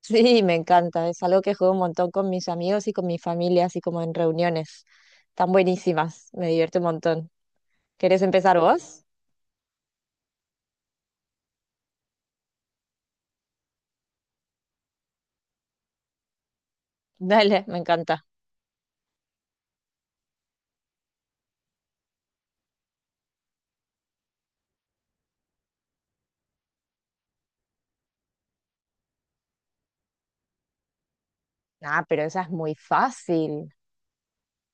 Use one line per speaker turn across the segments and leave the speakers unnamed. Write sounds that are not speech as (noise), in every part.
Sí, me encanta. Es algo que juego un montón con mis amigos y con mi familia, así como en reuniones. Están buenísimas. Me divierte un montón. ¿Querés empezar vos? (laughs) Dale, me encanta. Ah, pero esa es muy fácil.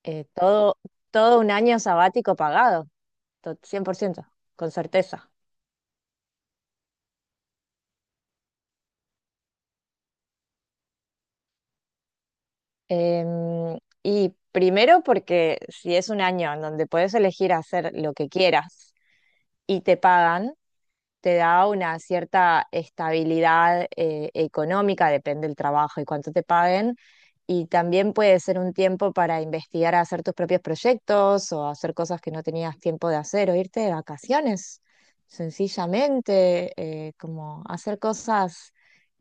Eh, todo, todo un año sabático pagado. 100%, con certeza. Em, y primero porque si es un año en donde puedes elegir hacer lo que quieras y te pagan, te da una cierta estabilidad económica, depende del trabajo y cuánto te paguen. Y también puede ser un tiempo para investigar, hacer tus propios proyectos o hacer cosas que no tenías tiempo de hacer o irte de vacaciones, sencillamente, como hacer cosas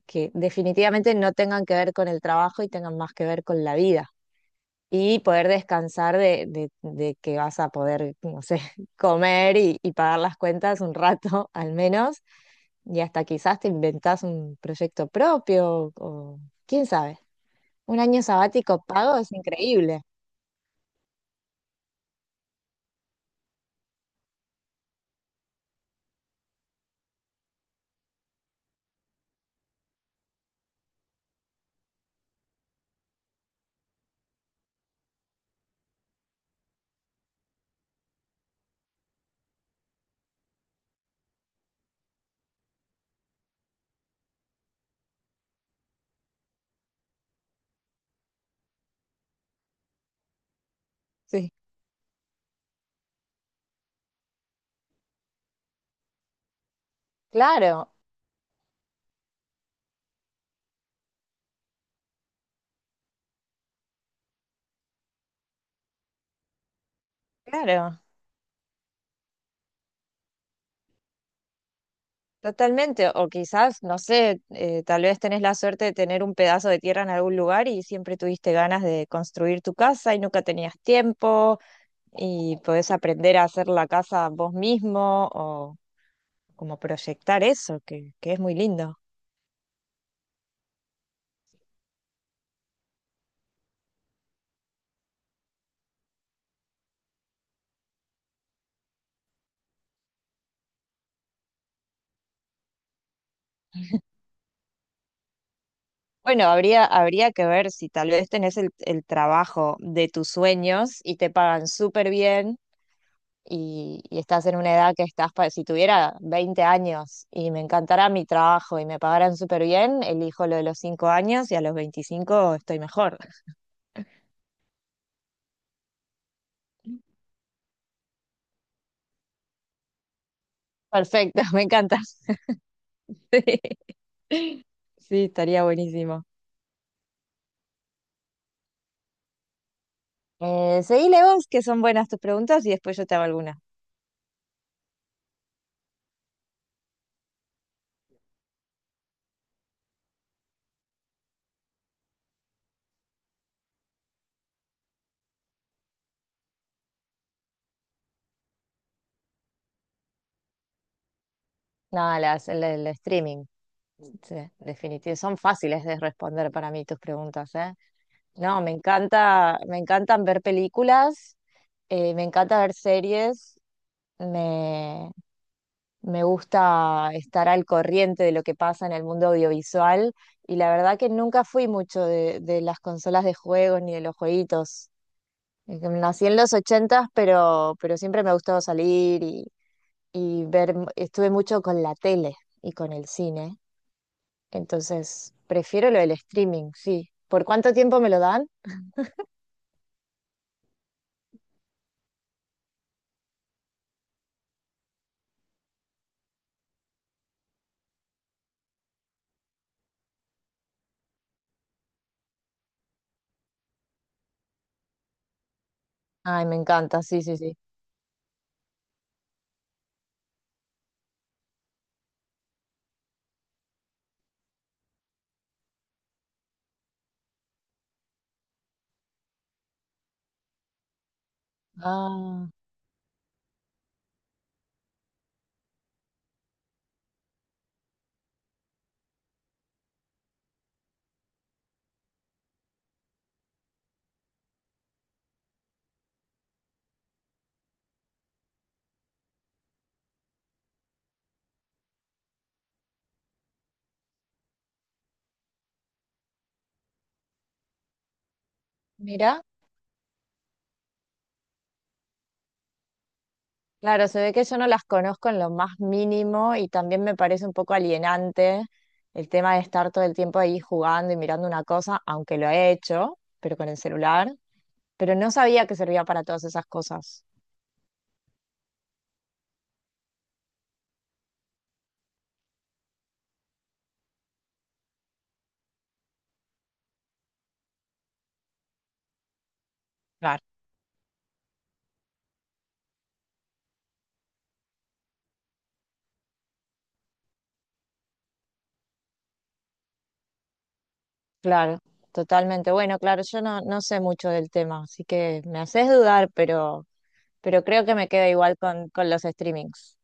que definitivamente no tengan que ver con el trabajo y tengan más que ver con la vida y poder descansar de que vas a poder, no sé, (laughs) comer y pagar las cuentas un rato (laughs) al menos, y hasta quizás te inventás un proyecto propio, o quién sabe, un año sabático pago es increíble. Sí, claro, claro. Totalmente, o quizás, no sé, tal vez tenés la suerte de tener un pedazo de tierra en algún lugar y siempre tuviste ganas de construir tu casa y nunca tenías tiempo, y podés aprender a hacer la casa vos mismo o como proyectar eso, que es muy lindo. Bueno, habría, habría que ver si tal vez tenés el trabajo de tus sueños y te pagan súper bien y estás en una edad que estás, si tuviera 20 años y me encantara mi trabajo y me pagaran súper bien, elijo lo de los 5 años y a los 25 estoy mejor. (laughs) Perfecto, me encanta. (laughs) Sí, sí, estaría buenísimo. Seguile vos, que son buenas tus preguntas, y después yo te hago alguna. No, el streaming. Sí, definitivo. Son fáciles de responder para mí tus preguntas, ¿eh? No, me encanta, me encantan ver películas, me encanta ver series, me, me gusta estar al corriente de lo que pasa en el mundo audiovisual y la verdad que nunca fui mucho de las consolas de juegos ni de los jueguitos. Nací en los ochentas, pero siempre me ha gustado salir y ver, estuve mucho con la tele y con el cine, entonces prefiero lo del streaming, sí. ¿Por cuánto tiempo me lo dan? Ay, me encanta, sí, sí, sí. Ah, mira, claro, se ve que yo no las conozco en lo más mínimo y también me parece un poco alienante el tema de estar todo el tiempo ahí jugando y mirando una cosa, aunque lo he hecho, pero con el celular, pero no sabía que servía para todas esas cosas. Claro, totalmente. Bueno, claro, yo no sé mucho del tema, así que me haces dudar, pero creo que me quedo igual con los streamings.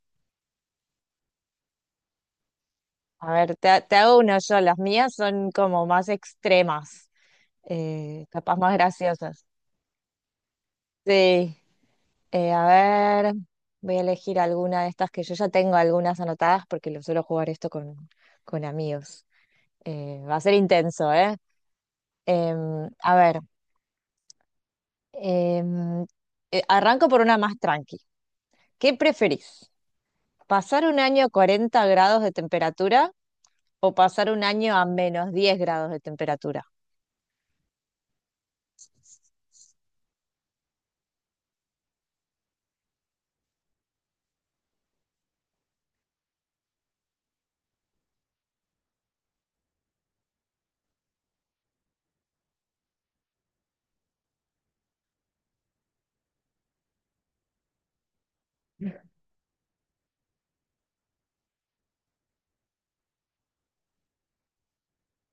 A ver, te hago uno yo, las mías son como más extremas, capaz más graciosas. Sí, a ver, voy a elegir alguna de estas que yo ya tengo algunas anotadas porque lo suelo jugar esto con amigos. Va a ser intenso, ¿eh? A ver, em, arranco por una más tranqui. ¿Qué preferís? ¿Pasar un año a 40 grados de temperatura o pasar un año a menos 10 grados de temperatura?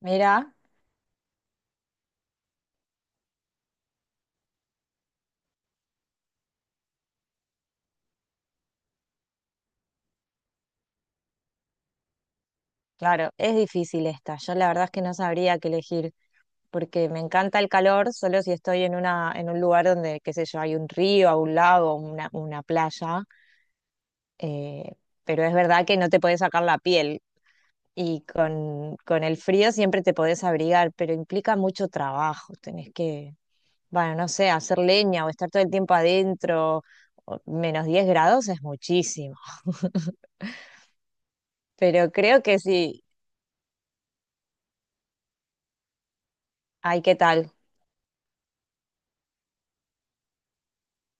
Mira, claro, es difícil esta. Yo la verdad es que no sabría qué elegir porque me encanta el calor, solo si estoy en un lugar donde, qué sé yo, hay un río, un lago, una playa. eh, pero es verdad que no te podés sacar la piel y con el frío siempre te podés abrigar, pero implica mucho trabajo. Tenés que, bueno, no sé, hacer leña o estar todo el tiempo adentro, o- menos 10 grados es muchísimo. (laughs) Pero creo que sí. Ay, ¿qué tal?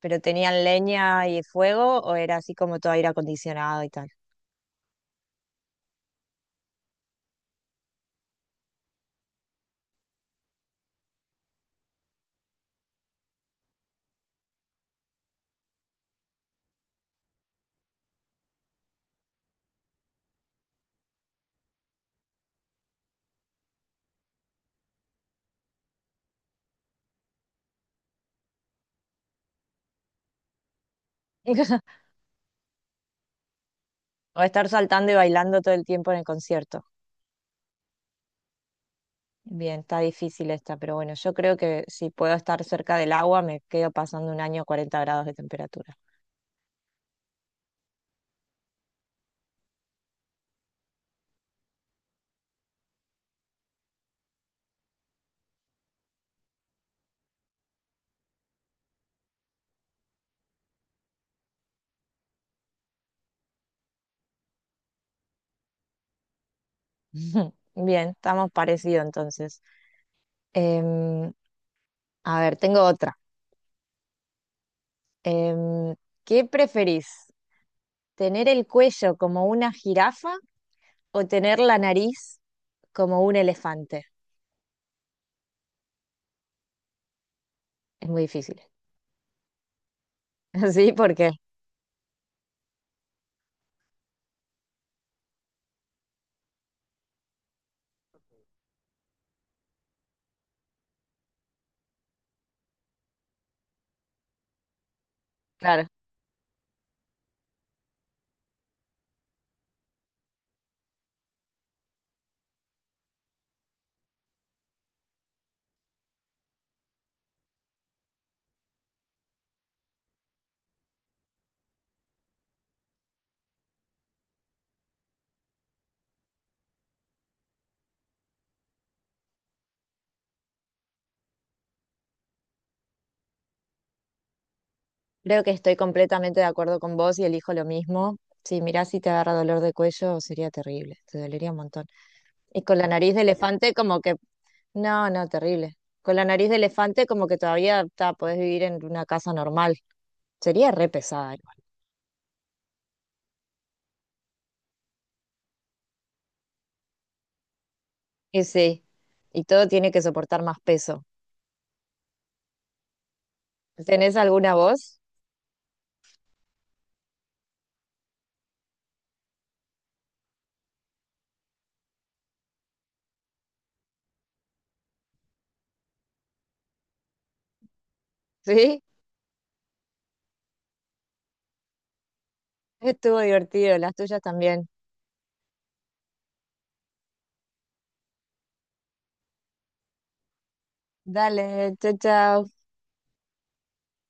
¿Pero tenían leña y fuego o era así como todo aire acondicionado y tal? (laughs) O estar saltando y bailando todo el tiempo en el concierto. Bien, está difícil esta, pero bueno, yo creo que si puedo estar cerca del agua, me quedo pasando un año a 40 grados de temperatura. (laughs) Bien, estamos parecidos entonces. Em, a ver, tengo otra. Em, ¿Qué preferís? ¿Tener el cuello como una jirafa o tener la nariz como un elefante? Es muy difícil. (laughs) Sí, claro, creo que estoy completamente de acuerdo con vos y elijo lo mismo. Sí, mirá, si te agarra dolor de cuello sería terrible, te dolería un montón. Y con la nariz de elefante como que, no, no, terrible. Con la nariz de elefante como que todavía podés vivir en una casa normal. Sería re pesada. Y sí, y todo tiene que soportar más peso. ¿Tenés alguna voz? (laughs) Sí, estuvo divertido, las tuyas también. Dale, chao, chao.